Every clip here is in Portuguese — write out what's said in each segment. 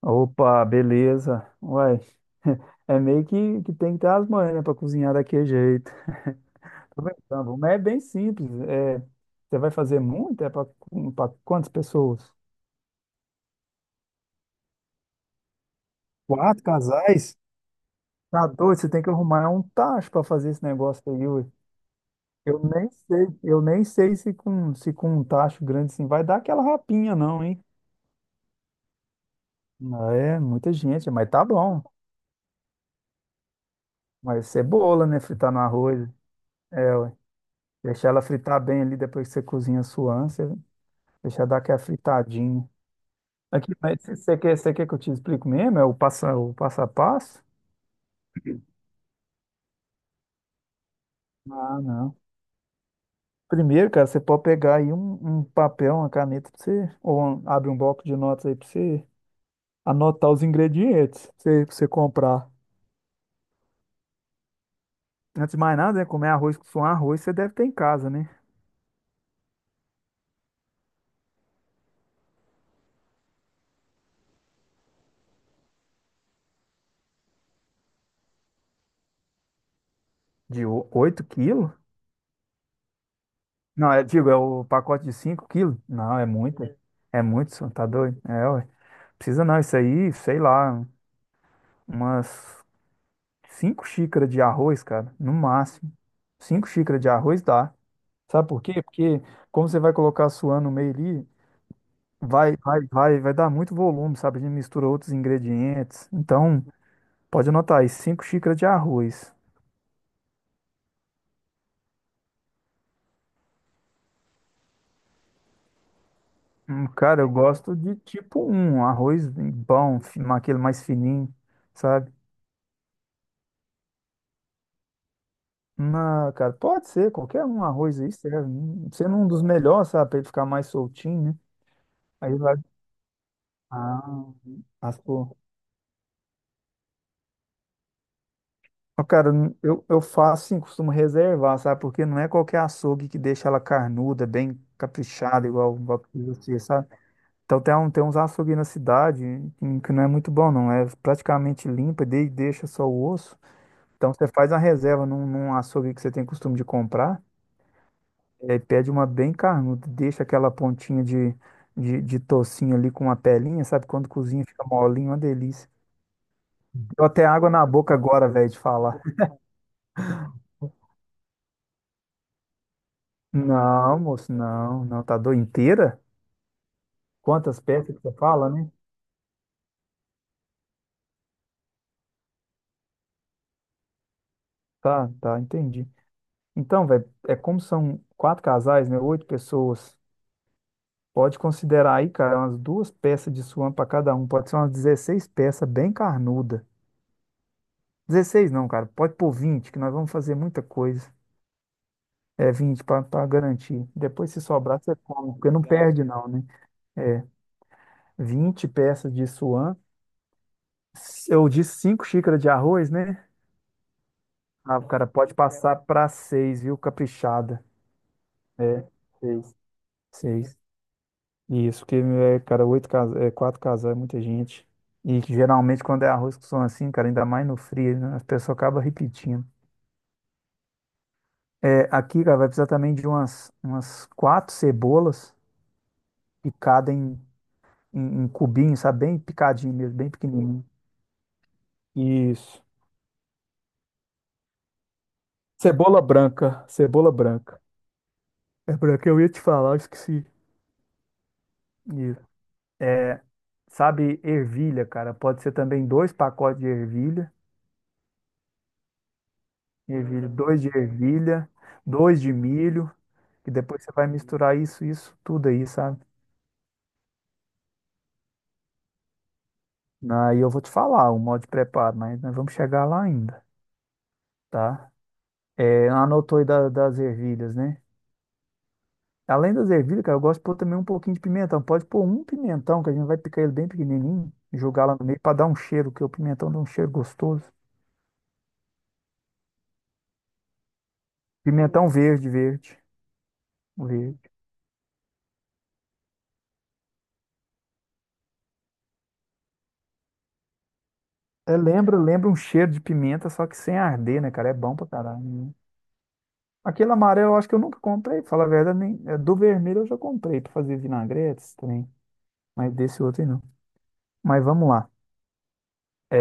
Opa, beleza. Uai, é meio que tem que ter as manhas, né, para cozinhar daquele jeito. Tô brincando, mas é bem simples. É, você vai fazer muito? É para quantas pessoas? Quatro casais? Tá doido, você tem que arrumar um tacho para fazer esse negócio aí, ué. Eu nem sei se com um tacho grande assim vai dar aquela rapinha, não, hein? Ah, é, muita gente, mas tá bom. Mas cebola, né? Fritar no arroz. É, ué. Deixar ela fritar bem ali depois que você cozinha a sua ânsia. Deixa eu dar aquela fritadinha. Aqui, mas você quer que eu te explique mesmo? É o passo a passo? Ah, não. Primeiro, cara, você pode pegar aí um papel, uma caneta pra você, ou abre um bloco de notas aí pra você anotar os ingredientes pra você comprar. Antes de mais nada, né, comer arroz com arroz, você deve ter em casa, né? De 8 quilos? Não, é, digo, é o pacote de 5 quilos? Não, é muito. É muito, senhor, tá doido? É, ué. Precisa não, isso aí, sei lá, umas 5 xícaras de arroz, cara, no máximo. 5 xícaras de arroz dá. Sabe por quê? Porque como você vai colocar a suã no meio ali, vai dar muito volume, sabe? A gente mistura outros ingredientes. Então, pode anotar aí, 5 xícaras de arroz. Cara, eu gosto de tipo um arroz bem bom, aquele mais fininho, sabe? Não, cara, pode ser, qualquer um arroz aí serve. Sendo um dos melhores, sabe? Pra ele ficar mais soltinho, né? Aí vai. Ah, assou. Ó, cara, eu faço sim, costumo reservar, sabe? Porque não é qualquer açougue que deixa ela carnuda, bem caprichada, igual precisa ser, sabe? Então tem uns açougues na cidade em que não é muito bom, não. É praticamente limpa, deixa só o osso. Então você faz a reserva num açougue que você tem costume de comprar, é, pede uma bem carnuda, deixa aquela pontinha de tocinho ali com uma pelinha, sabe? Quando cozinha fica molinho, uma delícia. Deu até água na boca agora, velho, de falar. Não, moço, não, não, tá doido inteira? Quantas peças que você fala, né? Tá, tá, entendi. Então, velho, é como são quatro casais, né? Oito pessoas. Pode considerar aí, cara, umas duas peças de suã para cada um. Pode ser umas 16 peças bem carnuda. 16, não, cara, pode pôr 20. Que nós vamos fazer muita coisa. É 20 para garantir. Depois, se sobrar, você come, porque não perde, não, né? É 20 peças de suã. Eu disse 5 xícaras de arroz, né? Ah, cara, pode passar pra seis, viu? Caprichada. É, seis. Seis. Isso, que, é, cara, oito casa, é, quatro casal é muita gente. E que geralmente quando é arroz com som assim, cara, ainda mais no frio, né? As pessoas acabam repetindo. É, aqui, cara, vai precisar também de umas quatro cebolas picadas em cubinho, sabe? Bem picadinho mesmo, bem pequenininho. Isso. Cebola branca, cebola branca. É branca, eu ia te falar, eu esqueci. Isso. É, sabe, ervilha, cara. Pode ser também dois pacotes de ervilha. Ervilha, dois de milho. E depois você vai misturar isso, tudo aí, sabe? Aí eu vou te falar o modo de preparo, mas nós vamos chegar lá ainda, tá? É, anotou aí das ervilhas, né? Além das ervilhas, cara, eu gosto de pôr também um pouquinho de pimentão. Pode pôr um pimentão, que a gente vai picar ele bem pequenininho, jogar lá no meio para dar um cheiro, que o pimentão dá um cheiro gostoso. Pimentão verde, verde, verde. É, lembra um cheiro de pimenta, só que sem arder, né, cara? É bom pra caralho, né? Aquele amarelo eu acho que eu nunca comprei, fala a verdade, nem, é, do vermelho eu já comprei pra fazer vinagretes também, mas desse outro aí não. Mas vamos lá.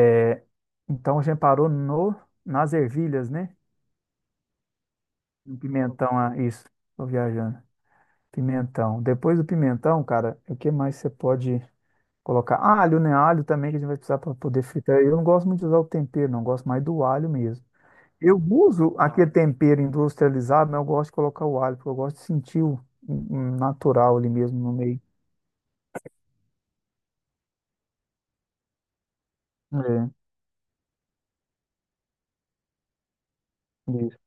É, então a gente parou nas ervilhas, né? No pimentão, ah, isso. Tô viajando. Pimentão. Depois do pimentão, cara, o que mais você pode colocar? Alho, né? Alho também que a gente vai precisar para poder fritar. Eu não gosto muito de usar o tempero, não. Eu gosto mais do alho mesmo. Eu uso aquele tempero industrializado, mas eu gosto de colocar o alho, porque eu gosto de sentir o natural ali mesmo no meio. É, isso,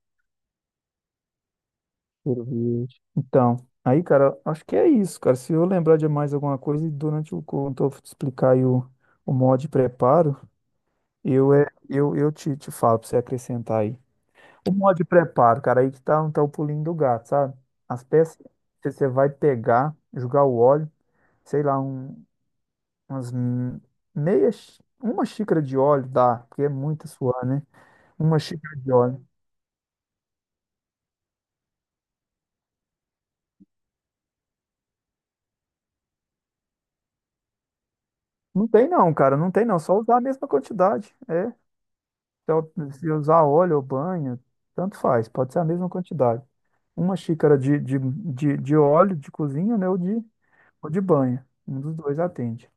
cheiro verde. Então, aí, cara, acho que é isso, cara. Se eu lembrar de mais alguma coisa, e durante o quando eu te explicar aí o modo de preparo, eu te falo pra você acrescentar aí. O modo de preparo, cara, aí que tá o pulinho do gato, sabe? As peças que você vai pegar, jogar o óleo, sei lá, um umas m- meia, xí- uma xícara de óleo dá, porque é muito suor, né? Uma xícara de óleo. Não tem não, cara, não tem não, só usar a mesma quantidade, é. Então, se usar óleo ou banha, tanto faz, pode ser a mesma quantidade. Uma xícara de óleo de cozinha, né, ou de banha, um dos dois atende.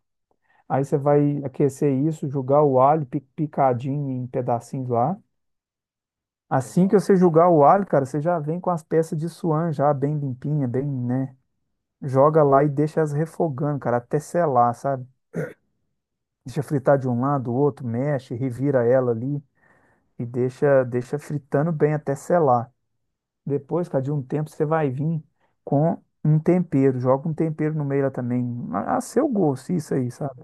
Aí você vai aquecer isso, jogar o alho picadinho em pedacinhos lá. Assim que você jogar o alho, cara, você já vem com as peças de suan já bem limpinha, bem, né? Joga lá e deixa elas refogando, cara, até selar, sabe? Deixa fritar de um lado, do outro, mexe, revira ela ali e deixa fritando bem até selar. Depois, cara, de um tempo você vai vir com um tempero, joga um tempero no meio lá também, a seu gosto, isso aí, sabe?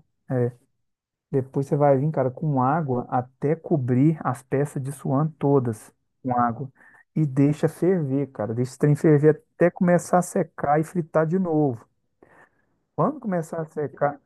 Depois você vai vir, cara, com água até cobrir as peças de suã todas com água e deixa ferver, cara, deixa o trem ferver até começar a secar e fritar de novo. Quando começar a secar.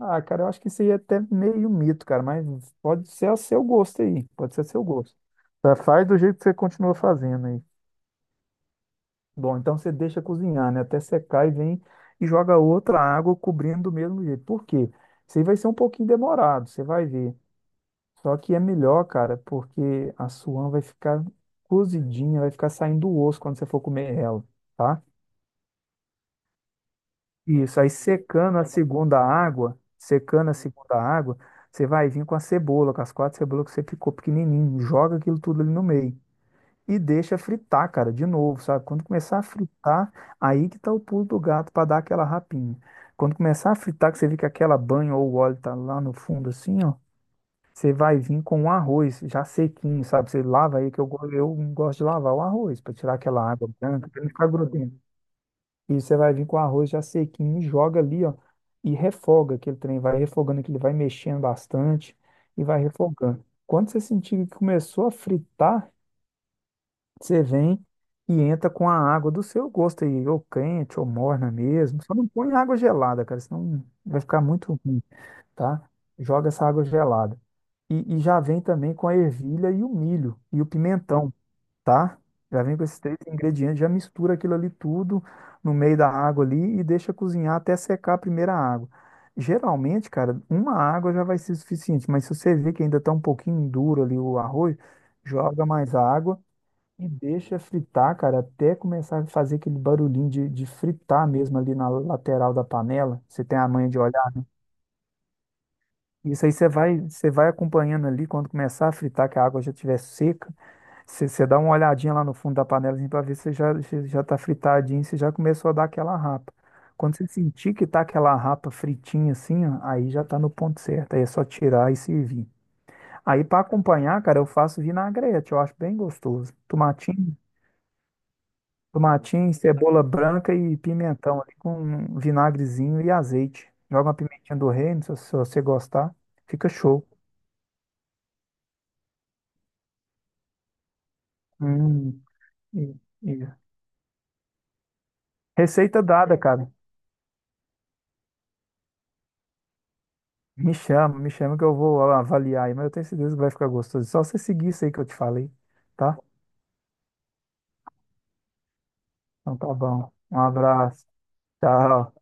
Ah, cara, eu acho que isso aí é até meio mito, cara, mas pode ser a seu gosto aí, pode ser a seu gosto. Tá, faz do jeito que você continua fazendo aí. Bom, então você deixa cozinhar, né, até secar e vem e joga outra água cobrindo do mesmo jeito. Por quê? Isso aí vai ser um pouquinho demorado, você vai ver. Só que é melhor, cara, porque a suã vai ficar cozidinha, vai ficar saindo o osso quando você for comer ela, tá? Isso, aí secando a segunda água, você vai vir com a cebola, com as quatro cebolas que você picou pequenininho, joga aquilo tudo ali no meio e deixa fritar, cara, de novo, sabe? Quando começar a fritar, aí que tá o pulo do gato para dar aquela rapinha. Quando começar a fritar, que você vê que aquela banha ou o óleo tá lá no fundo assim, ó, você vai vir com o arroz já sequinho, sabe? Você lava aí que eu gosto de lavar o arroz para tirar aquela água branca, para não ficar grudento. E você vai vir com o arroz já sequinho, joga ali, ó, e refoga aquele trem, vai refogando que ele vai mexendo bastante e vai refogando. Quando você sentir que começou a fritar, você vem e entra com a água do seu gosto aí, ou quente, ou morna mesmo. Só não põe água gelada, cara, senão vai ficar muito ruim, tá? Joga essa água gelada. E já vem também com a ervilha e o milho e o pimentão, tá? Já vem com esses três ingredientes, já mistura aquilo ali tudo no meio da água ali e deixa cozinhar até secar a primeira água. Geralmente, cara, uma água já vai ser suficiente, mas se você vê que ainda tá um pouquinho duro ali o arroz, joga mais água e deixa fritar, cara, até começar a fazer aquele barulhinho de fritar mesmo ali na lateral da panela. Você tem a manha de olhar, né? Isso aí você vai acompanhando ali quando começar a fritar, que a água já estiver seca. Você dá uma olhadinha lá no fundo da panela assim, para ver se já tá fritadinho, se já começou a dar aquela rapa. Quando você sentir que tá aquela rapa fritinha assim, ó, aí já tá no ponto certo. Aí é só tirar e servir. Aí para acompanhar, cara, eu faço vinagrete, eu acho bem gostoso. Tomatinho, tomatinho, cebola branca e pimentão ali com um vinagrezinho e azeite. Joga uma pimentinha do reino, se você gostar, fica show. Hum, e- e- Receita dada, cara. Me chama que eu vou avaliar aí, mas eu tenho certeza que vai ficar gostoso. Só você seguir isso aí que eu te falei, tá? Então tá bom. Um abraço. Tchau.